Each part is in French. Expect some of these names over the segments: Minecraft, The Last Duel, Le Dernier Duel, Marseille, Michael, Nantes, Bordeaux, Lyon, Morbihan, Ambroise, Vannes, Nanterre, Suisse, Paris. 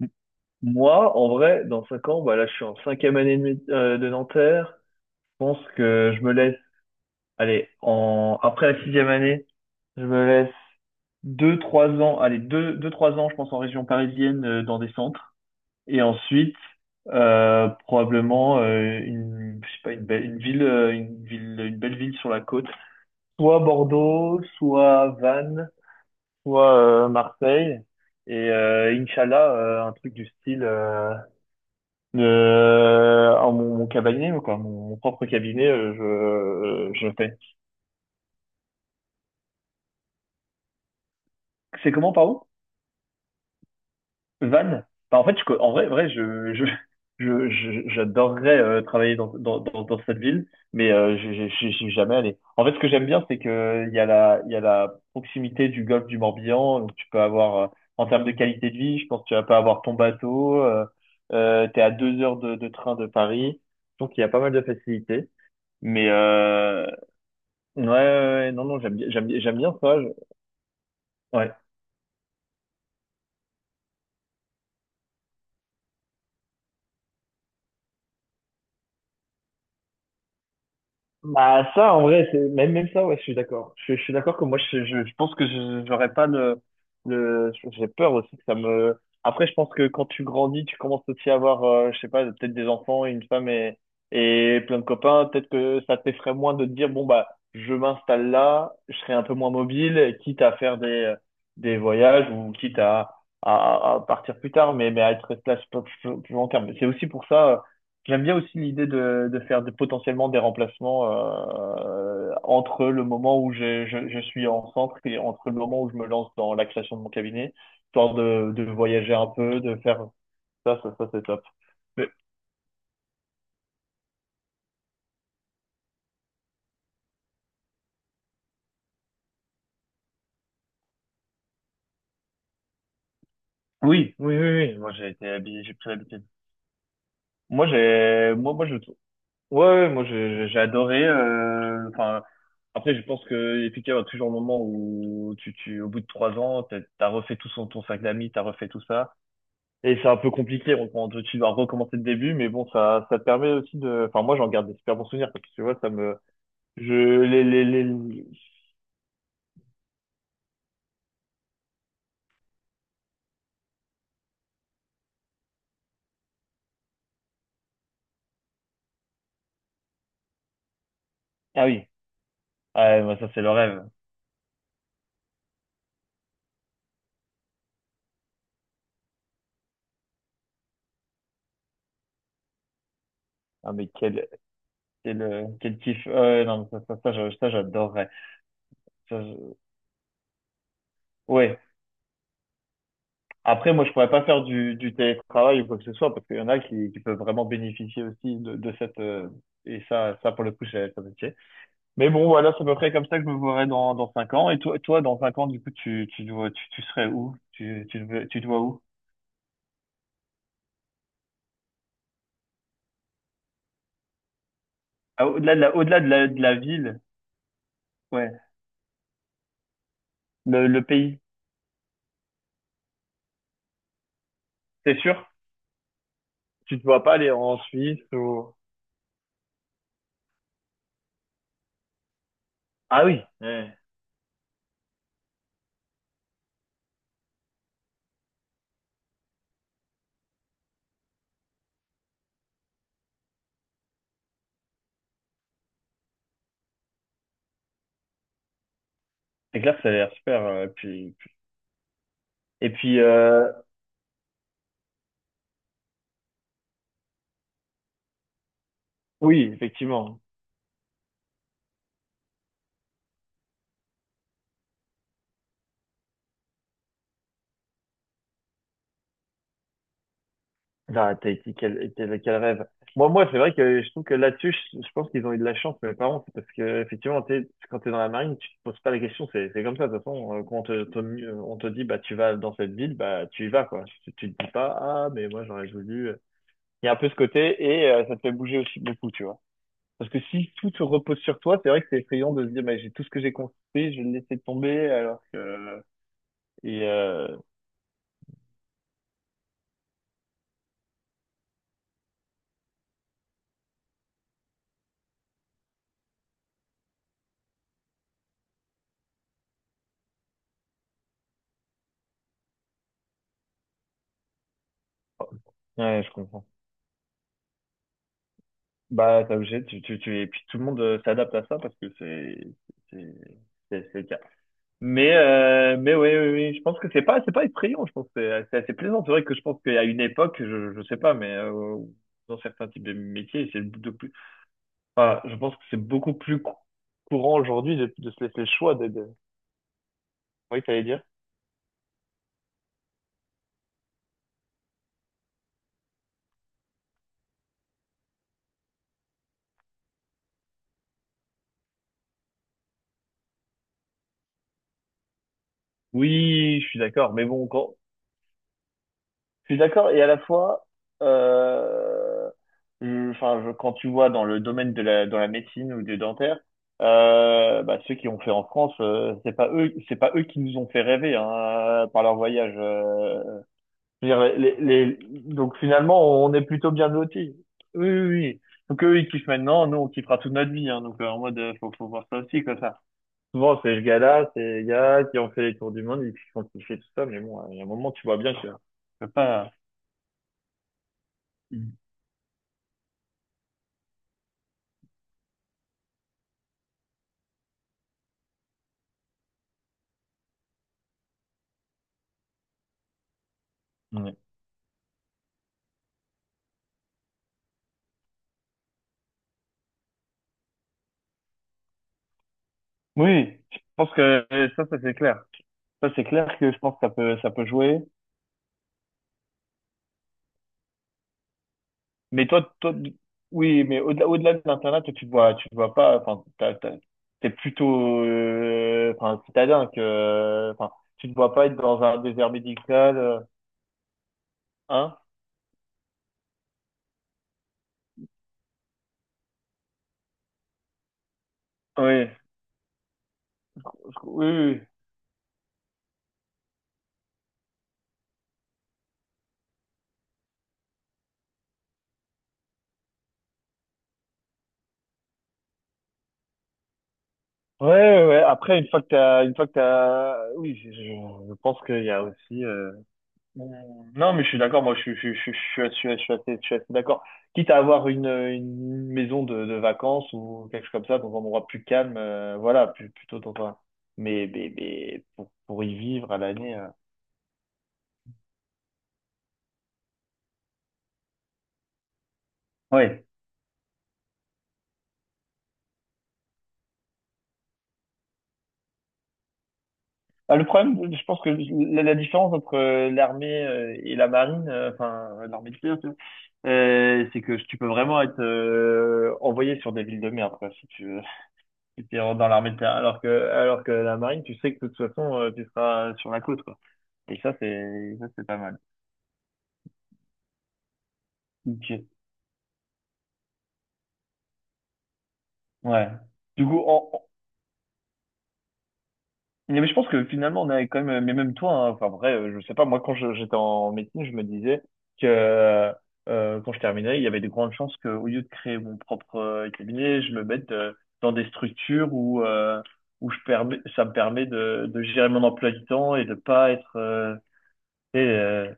M- Moi, en vrai, dans 5 ans, bah là, je suis en cinquième année de Nanterre. Je pense que je me laisse, allez, après la sixième année, je me laisse 2, 3 ans, allez, deux, trois ans, je pense, en région parisienne, dans des centres. Et ensuite, probablement, je sais pas, une belle ville sur la côte. Soit Bordeaux, soit Vannes, soit, Marseille. Et, Inch'Allah, un truc du style, mon cabinet, quoi, mon propre cabinet, je fais. C'est comment, pardon? Van? Bah, en fait, en vrai, j'adorerais travailler dans cette ville, mais j'y suis jamais allé. En fait, ce que j'aime bien, c'est que il y a la proximité du golfe du Morbihan, donc tu peux avoir, en termes de qualité de vie, je pense que tu vas pas avoir ton bateau, t'es à 2 heures de train de Paris, donc il y a pas mal de facilités. Mais, ouais, ouais, ouais, non, non, j'aime bien, j'aime bien, j'aime bien ça. Ouais. Bah, ça, en vrai, c'est même ça, ouais, je suis d'accord. Je suis d'accord que moi, je pense que j'aurais pas j'ai peur aussi que ça me. Après, je pense que quand tu grandis, tu commences aussi à avoir, je sais pas, peut-être des enfants, une femme et plein de copains. Peut-être que ça t'effraie moins de te dire, bon, bah, je m'installe là, je serai un peu moins mobile, quitte à faire des voyages ou quitte à partir plus tard, mais à être resté là plus, plus, plus longtemps. Mais c'est aussi pour ça. J'aime bien aussi l'idée de faire potentiellement des remplacements entre le moment où je suis en centre et entre le moment où je me lance dans la création de mon cabinet, histoire de voyager un peu, de faire ça c'est top. Mais oui, oui, oui, oui, moi j'ai été habillé, j'ai pris l'habitude. Moi je, ouais, ouais, moi j'ai adoré. Enfin, après je pense que efficace, il y va toujours le moment où au bout de 3 ans, t'as refait tout ton sac d'amis, t'as refait tout ça. Et c'est un peu compliqué, tu dois recommencer le début, mais bon, ça te permet aussi de. Enfin, moi, j'en garde des super bons souvenirs, parce que tu vois, ça me. Je... les... Ah oui, ah, ouais, moi, ça, c'est le rêve. Ah, mais quel kiff. Ouais, non, mais ça, j'adorerais. Ça, je- Ouais. Après, moi, je pourrais pas faire du télétravail ou quoi que ce soit, parce qu'il y en a qui peuvent vraiment bénéficier aussi de cette. Et ça, pour le coup, c'est un métier. Mais bon, voilà, c'est à peu près comme ça que je me verrai dans 5 ans. Et toi, dans 5 ans, du coup, tu serais où? Tu te vois où? Ah, au-delà de la ville, ouais, le pays, c'est sûr? Tu te vois pas aller en Suisse ou. Ah oui, ouais. C'est clair que ça a l'air super. Et puis, Oui, effectivement. Ah, t'as été quel, quel, quel rêve. Moi, c'est vrai que je trouve que là-dessus, je pense qu'ils ont eu de la chance, mes parents, c'est parce que, effectivement, tu quand t'es dans la marine, tu te poses pas la question, c'est comme ça, de toute façon, quand on on te dit, bah, tu vas dans cette ville, bah, tu y vas, quoi. Tu te dis pas, ah, mais moi, j'aurais voulu. Il y a un peu ce côté, et ça te fait bouger aussi beaucoup, tu vois. Parce que si tout se repose sur toi, c'est vrai que c'est effrayant de se dire, bah, j'ai tout ce que j'ai construit, je vais le laisser tomber, alors que, et, euh, ouais, je comprends. Bah, t'es obligé, et puis tout le monde s'adapte à ça parce que c'est, c'est le cas. Mais oui, oui, oui, je pense que c'est pas effrayant, je pense que c'est assez plaisant. C'est vrai que je pense qu'à une époque, je sais pas, mais dans certains types de métiers, c'est de plus, enfin, je pense que c'est beaucoup plus courant aujourd'hui de se laisser le choix de. Oui, t'allais dire? Oui, je suis d'accord, mais bon, quand. Je suis d'accord et à la fois, euh, enfin, quand tu vois dans le domaine dans la médecine ou du dentaire, bah, ceux qui ont fait en France, c'est pas eux qui nous ont fait rêver hein, par leur voyage. Je veux dire, donc finalement, on est plutôt bien lotis. Oui, oui, oui. Donc eux, ils kiffent maintenant, nous, on kiffera toute notre vie. Hein, donc en mode, faut voir ça aussi comme ça. Souvent, ces gars qui ont fait les tours du monde, ils ont kiffé tout ça, mais bon, il y a un moment, tu vois bien que tu peux pas. Ouais. Oui, je pense que ça c'est clair. Ça c'est clair que je pense que ça peut jouer. Mais toi, oui, mais au-delà de l'internat, toi, tu te vois pas. Enfin, t'es plutôt, enfin, citadin que, enfin, tu te vois pas être dans un désert médical, hein? Oui, oui, oui. Ouais, ouais, ouais. Après, une fois que t'as, oui, je pense qu'il y a aussi. Non, mais je suis d'accord, moi je, suis- je, suis- je suis assez d'accord. Quitte à avoir une maison de vacances ou quelque chose comme ça, dans un endroit plus calme, voilà, plutôt dans un. Mais pour y vivre à l'année. Ouais. Ah, le problème, je pense que la différence entre l'armée et la marine, enfin l'armée de terre, tu vois, c'est que tu peux vraiment être envoyé sur des villes de merde, quoi, si tu veux. Et tu rentres dans l'armée de terrain, alors que la marine, tu sais que de toute façon, tu seras sur la côte, quoi. Et ça, c'est pas mal. Ok. Ouais. Du coup, mais je pense que finalement, on a quand même, mais même toi, hein, enfin, vrai, je sais pas, moi, quand j'étais en médecine, je me disais que, quand je terminais, il y avait de grandes chances que, au lieu de créer mon propre cabinet, je me mette dans des structures où, où je permets, ça me permet de gérer mon emploi du temps et de pas être, tu euh,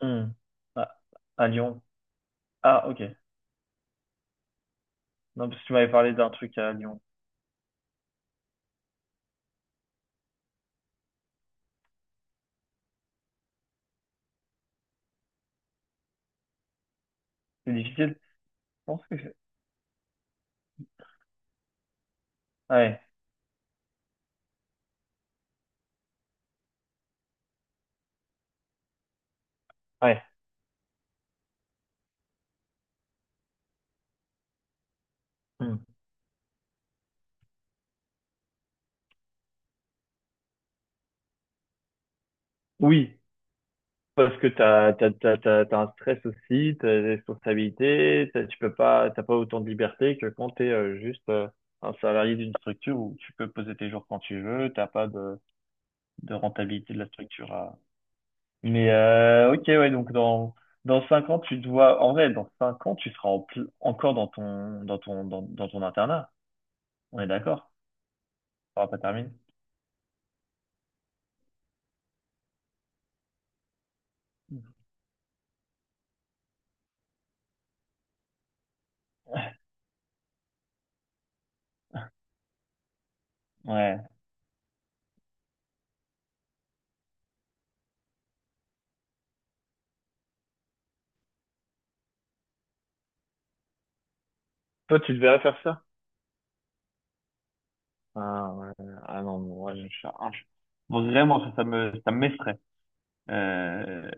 hmm, à, à Lyon. Ah, ok. Non, parce que tu m'avais parlé d'un truc à Lyon. C'est difficile? Je pense que Ouais, ouais. Hmm. Oui, parce que t'as un stress aussi, t'as des responsabilités, tu peux pas, t'as pas autant de liberté que quand t'es juste un salarié d'une structure où tu peux poser tes jours quand tu veux, t'as pas de rentabilité de la structure à. Mais ok, ouais, donc dans cinq ans, tu dois, en vrai, dans cinq ans, tu seras encore dans ton internat. On est d'accord? On pas terminé. Ouais. Toi, tu devrais faire ça? Ah, ouais. Ah non, moi, ah, vraiment, ça m'effraie. Euh,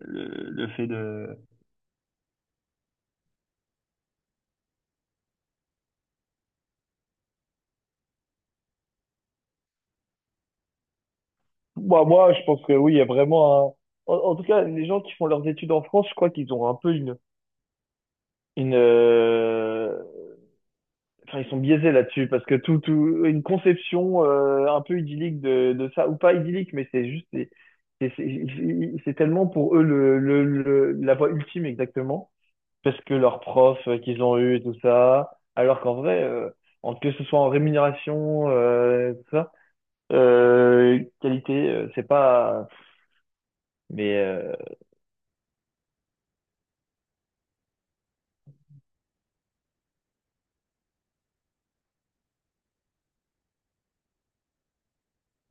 le fait de. Moi, je pense que oui, il y a vraiment un. En tout cas, les gens qui font leurs études en France, je crois qu'ils ont un peu une. une euh, Enfin, ils sont biaisés là-dessus, parce que une conception un peu idyllique de ça, ou pas idyllique, mais c'est juste. C'est tellement pour eux la voie ultime, exactement. Parce que leurs profs qu'ils ont eu et tout ça. Alors qu'en vrai, que ce soit en rémunération, tout ça, qualité, c'est pas. Mais euh,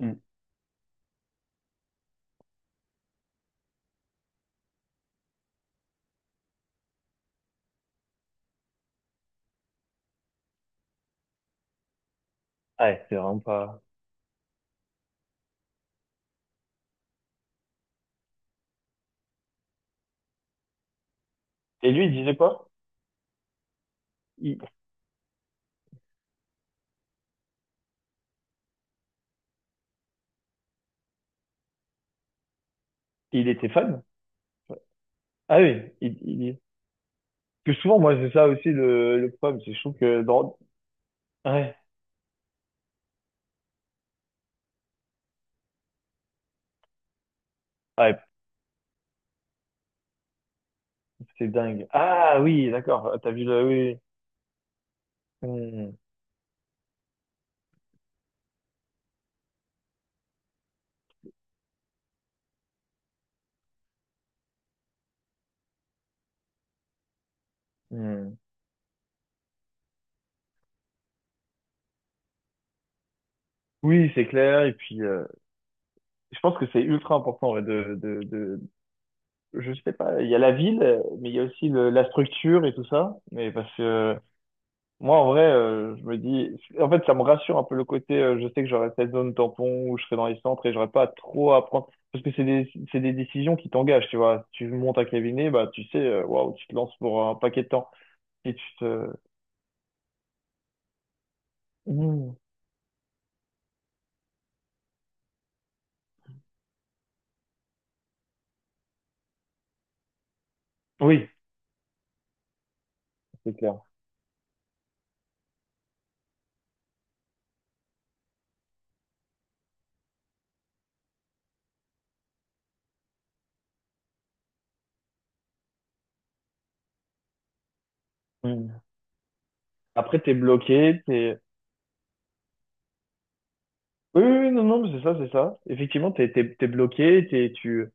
Mm. Ouais, c'est vraiment pas. Et lui, il disait quoi? Il, il était fan? Ah oui. Parce que souvent, moi, c'est ça aussi le problème, c'est que je trouve que dans. Ouais, ouais, c'est dingue. Ah oui, d'accord, ah, t'as vu le. Oui, oui, mm, mm. Oui, c'est clair. Et puis, je pense que c'est ultra important ouais, je sais pas, il y a la ville, mais il y a aussi la structure et tout ça. Mais parce que moi, en vrai, je me dis, en fait, ça me rassure un peu le côté, je sais que j'aurai cette zone tampon où je serai dans les centres et j'aurai pas trop à prendre. Parce que c'est des décisions qui t'engagent, tu vois. Si tu montes un cabinet, bah, tu sais, waouh, tu te lances pour un paquet de temps. Et tu te. Mmh. Oui, c'est clair. Mmh. Après, t'es bloqué, t'es. Oui, oui, oui, non, non, mais c'est ça, c'est ça. Effectivement, t'es bloqué.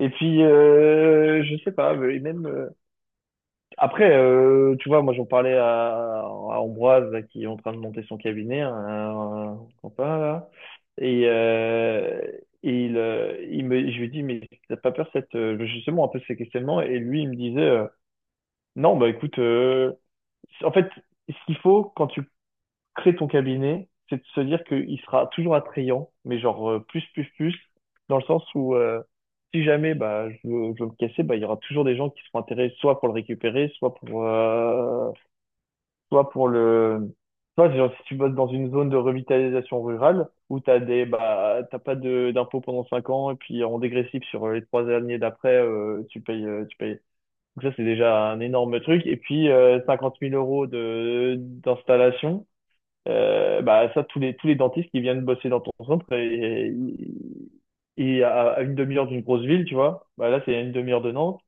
Et puis, je sais pas, mais même. Après, tu vois, moi j'en parlais à Ambroise là, qui est en train de monter son cabinet, un copain là, et, euh, et je lui dis mais t'as pas peur cette justement un peu ces questionnements et lui il me disait non bah écoute en fait ce qu'il faut quand tu créer ton cabinet, c'est de se dire qu'il sera toujours attrayant, mais genre plus, plus, plus, dans le sens où si jamais bah, je veux me casser, bah, il y aura toujours des gens qui seront intéressés soit pour le récupérer, soit pour le. Soit genre, si tu bosses dans une zone de revitalisation rurale où tu des bah, t'as pas de d'impôts pendant 5 ans et puis en dégressif sur les 3 années d'après, tu payes. Donc ça, c'est déjà un énorme truc. Et puis, 50 000 € de d'installation bah ça, tous les dentistes qui viennent bosser dans ton centre et à une demi-heure d'une grosse ville, tu vois, bah là c'est à une demi-heure de Nantes.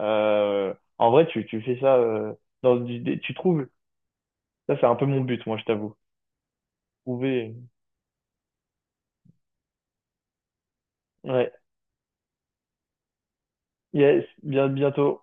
Euh, en vrai, tu fais ça dans tu trouves. Ça c'est un peu mon but, moi je t'avoue. Trouver. Ouais. Yes, bien bientôt.